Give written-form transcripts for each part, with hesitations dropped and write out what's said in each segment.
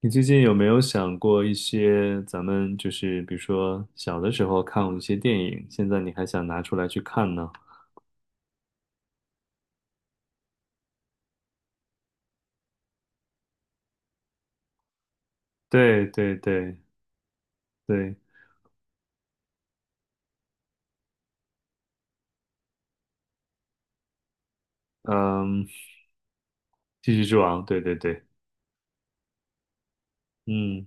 你最近有没有想过一些咱们就是比如说小的时候看过一些电影，现在你还想拿出来去看呢？对对对对，嗯，继续之王，对对对，嗯。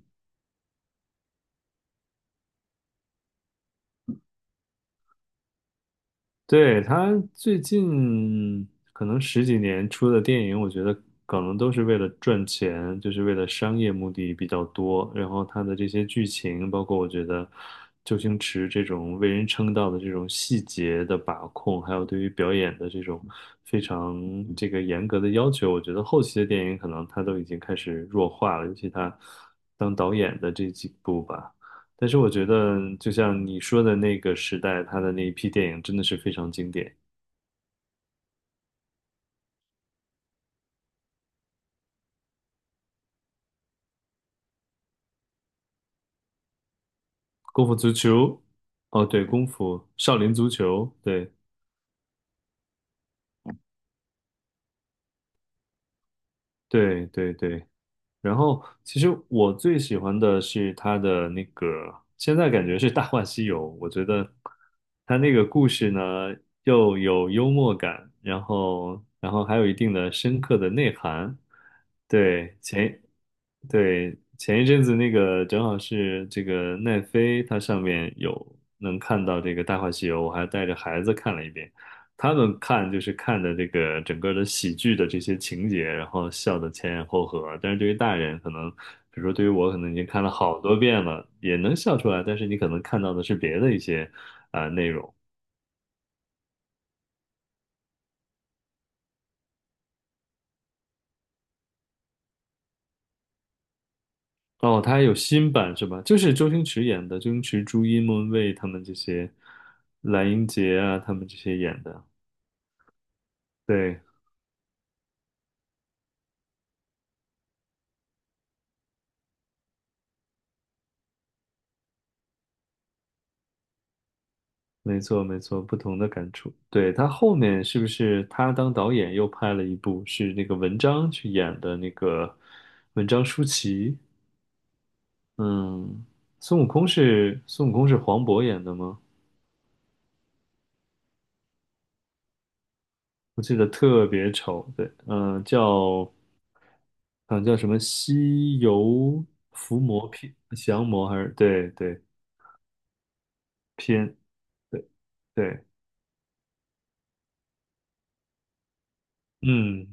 对，他最近可能十几年出的电影，我觉得可能都是为了赚钱，就是为了商业目的比较多。然后他的这些剧情，包括我觉得周星驰这种为人称道的这种细节的把控，还有对于表演的这种非常这个严格的要求，我觉得后期的电影可能他都已经开始弱化了，尤其他当导演的这几部吧。但是我觉得，就像你说的那个时代，他的那一批电影真的是非常经典，《功夫足球》，哦，对，《功夫》《少林足球》，对，对，对，对，然后，其实我最喜欢的是他的那个，现在感觉是《大话西游》，我觉得他那个故事呢，又有幽默感，然后还有一定的深刻的内涵。对，对，前一阵子那个正好是这个奈飞，它上面有能看到这个《大话西游》，我还带着孩子看了一遍。他们看就是看的这个整个的喜剧的这些情节，然后笑的前仰后合。但是对于大人，可能比如说对于我，可能已经看了好多遍了，也能笑出来，但是你可能看到的是别的一些啊、内容。哦，他还有新版是吧？就是周星驰演的，周星驰、朱茵、莫文蔚他们这些，蓝英杰啊，他们这些演的。对，没错，没错，不同的感触。对，他后面是不是他当导演又拍了一部，是那个文章去演的那个文章舒淇？嗯，孙悟空是黄渤演的吗？我记得特别丑。对，叫什么西游伏魔篇降魔还是对对篇对对，嗯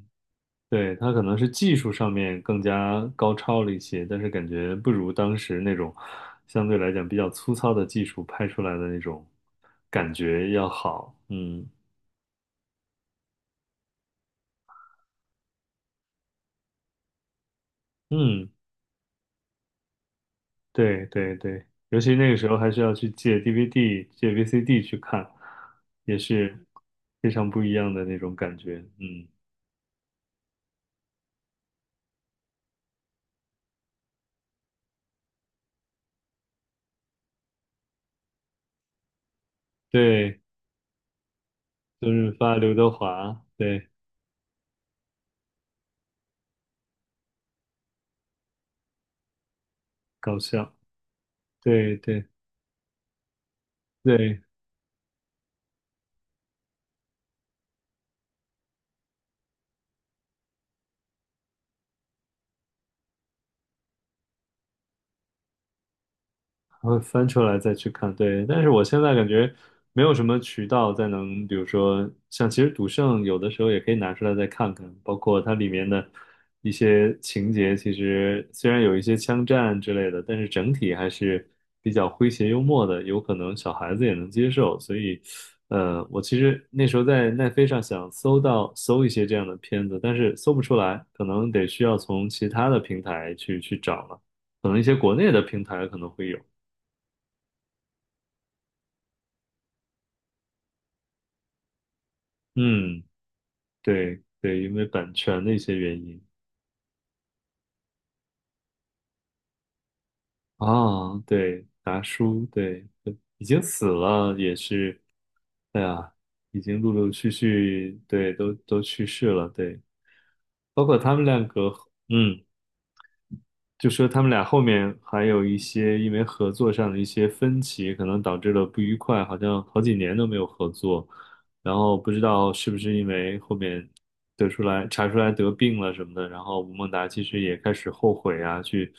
对，他可能是技术上面更加高超了一些，但是感觉不如当时那种相对来讲比较粗糙的技术拍出来的那种感觉要好。嗯嗯，对对对，尤其那个时候还需要去借 DVD、借 VCD 去看，也是非常不一样的那种感觉。嗯，对，周润发、刘德华，对，搞笑，对对对会翻出来再去看，对。但是我现在感觉没有什么渠道再能，比如说像其实《赌圣》有的时候也可以拿出来再看看，包括它里面的一些情节，其实虽然有一些枪战之类的，但是整体还是比较诙谐幽默的，有可能小孩子也能接受。所以，我其实那时候在奈飞上想搜到搜一些这样的片子，但是搜不出来，可能得需要从其他的平台去找了，可能一些国内的平台可能会有。嗯，对对，因为版权的一些原因啊，对，达叔，对，已经死了，也是，哎呀，已经陆陆续续，对，都去世了，对，包括他们两个，嗯，就说他们俩后面还有一些因为合作上的一些分歧，可能导致了不愉快，好像好几年都没有合作。然后不知道是不是因为后面得出来查出来得病了什么的，然后吴孟达其实也开始后悔啊，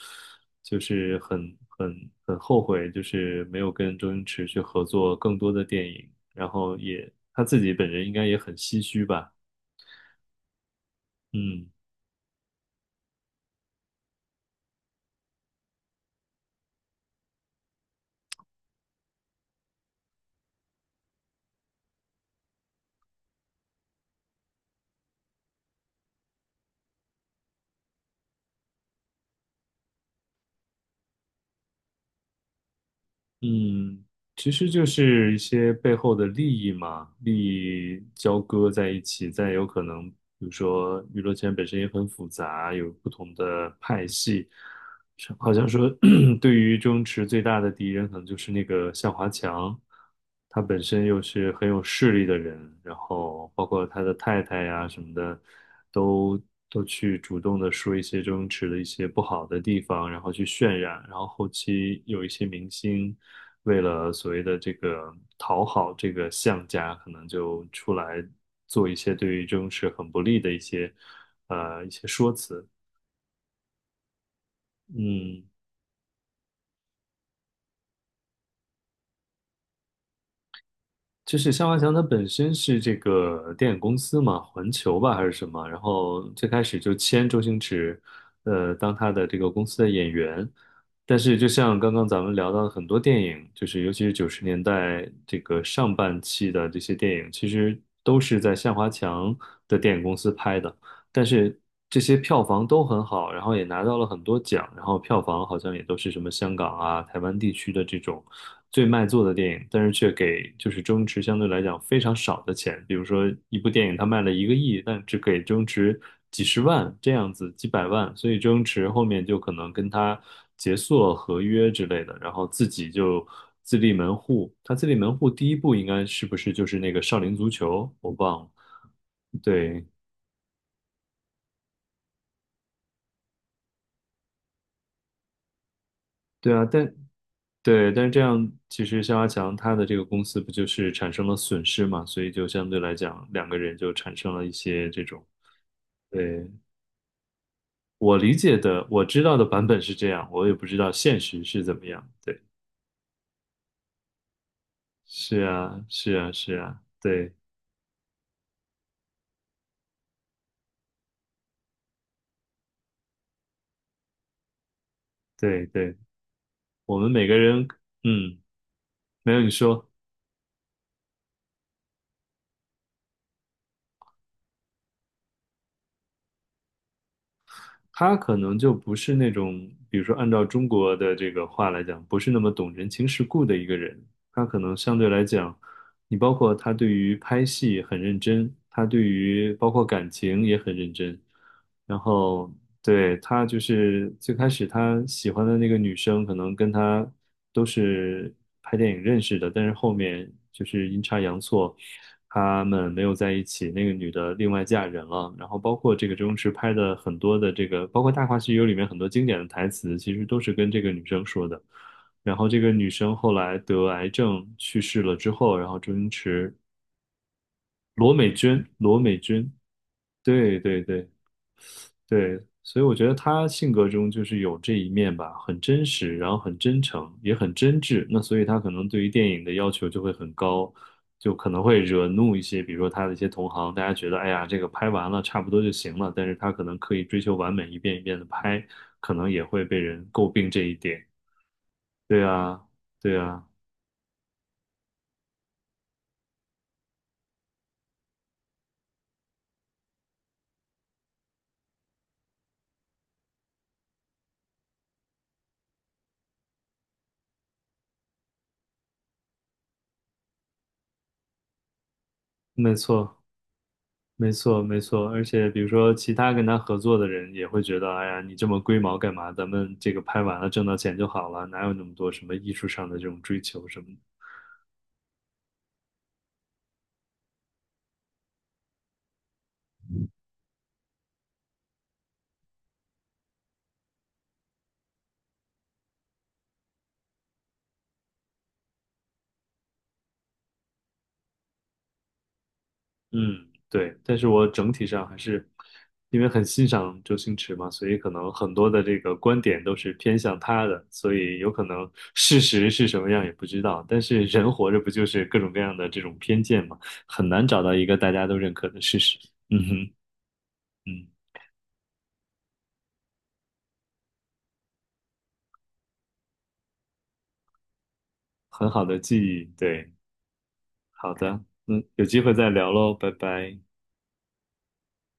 就是很后悔，就是没有跟周星驰去合作更多的电影，然后也他自己本人应该也很唏嘘吧，嗯。嗯，其实就是一些背后的利益嘛，利益交割在一起，再有可能，比如说娱乐圈本身也很复杂，有不同的派系，是好像说 对于周星驰最大的敌人可能就是那个向华强，他本身又是很有势力的人，然后包括他的太太呀什么的，都都去主动的说一些周星驰的一些不好的地方，然后去渲染，然后后期有一些明星。为了所谓的这个讨好这个项家，可能就出来做一些对于周星驰很不利的一些一些说辞。嗯，就是向华强他本身是这个电影公司嘛，环球吧还是什么，然后最开始就签周星驰，当他的这个公司的演员。但是，就像刚刚咱们聊到的很多电影，就是尤其是九十年代这个上半期的这些电影，其实都是在向华强的电影公司拍的。但是这些票房都很好，然后也拿到了很多奖，然后票房好像也都是什么香港啊、台湾地区的这种最卖座的电影，但是却给就是周星驰相对来讲非常少的钱，比如说一部电影他卖了一个亿，但只给周星驰几十万这样子，几百万，所以周星驰后面就可能跟他结束了合约之类的，然后自己就。自立门户，他自立门户第一部应该是不是就是那个少林足球？我忘了。对，对啊，但对，但是这样其实肖华强他的这个公司不就是产生了损失嘛，所以就相对来讲，两个人就产生了一些这种。对，我理解的，我知道的版本是这样，我也不知道现实是怎么样。对，是啊，是啊，是啊，对，对，对，我们每个人，嗯，没有你说，他可能就不是那种，比如说按照中国的这个话来讲，不是那么懂人情世故的一个人，他可能相对来讲。你包括他对于拍戏很认真，他对于包括感情也很认真。然后对他就是最开始他喜欢的那个女生，可能跟他都是拍电影认识的，但是后面就是阴差阳错，他们没有在一起，那个女的另外嫁人了。然后包括这个周星驰拍的很多的这个，包括《大话西游》里面很多经典的台词，其实都是跟这个女生说的。然后这个女生后来得癌症去世了之后，然后周星驰，罗美娟，罗美娟，对对对对，所以我觉得她性格中就是有这一面吧，很真实，然后很真诚，也很真挚。那所以她可能对于电影的要求就会很高，就可能会惹怒一些，比如说她的一些同行，大家觉得哎呀，这个拍完了差不多就行了，但是她可能刻意追求完美，一遍的拍，可能也会被人诟病这一点。对啊，对啊，没错。没错，没错，而且比如说其他跟他合作的人也会觉得，哎呀，你这么龟毛干嘛？咱们这个拍完了挣到钱就好了，哪有那么多什么艺术上的这种追求什么的嗯，对。但是我整体上还是因为很欣赏周星驰嘛，所以可能很多的这个观点都是偏向他的，所以有可能事实是什么样也不知道。但是人活着不就是各种各样的这种偏见嘛，很难找到一个大家都认可的事实。嗯哼，嗯，很好的记忆，对。好的，嗯，有机会再聊喽，拜拜。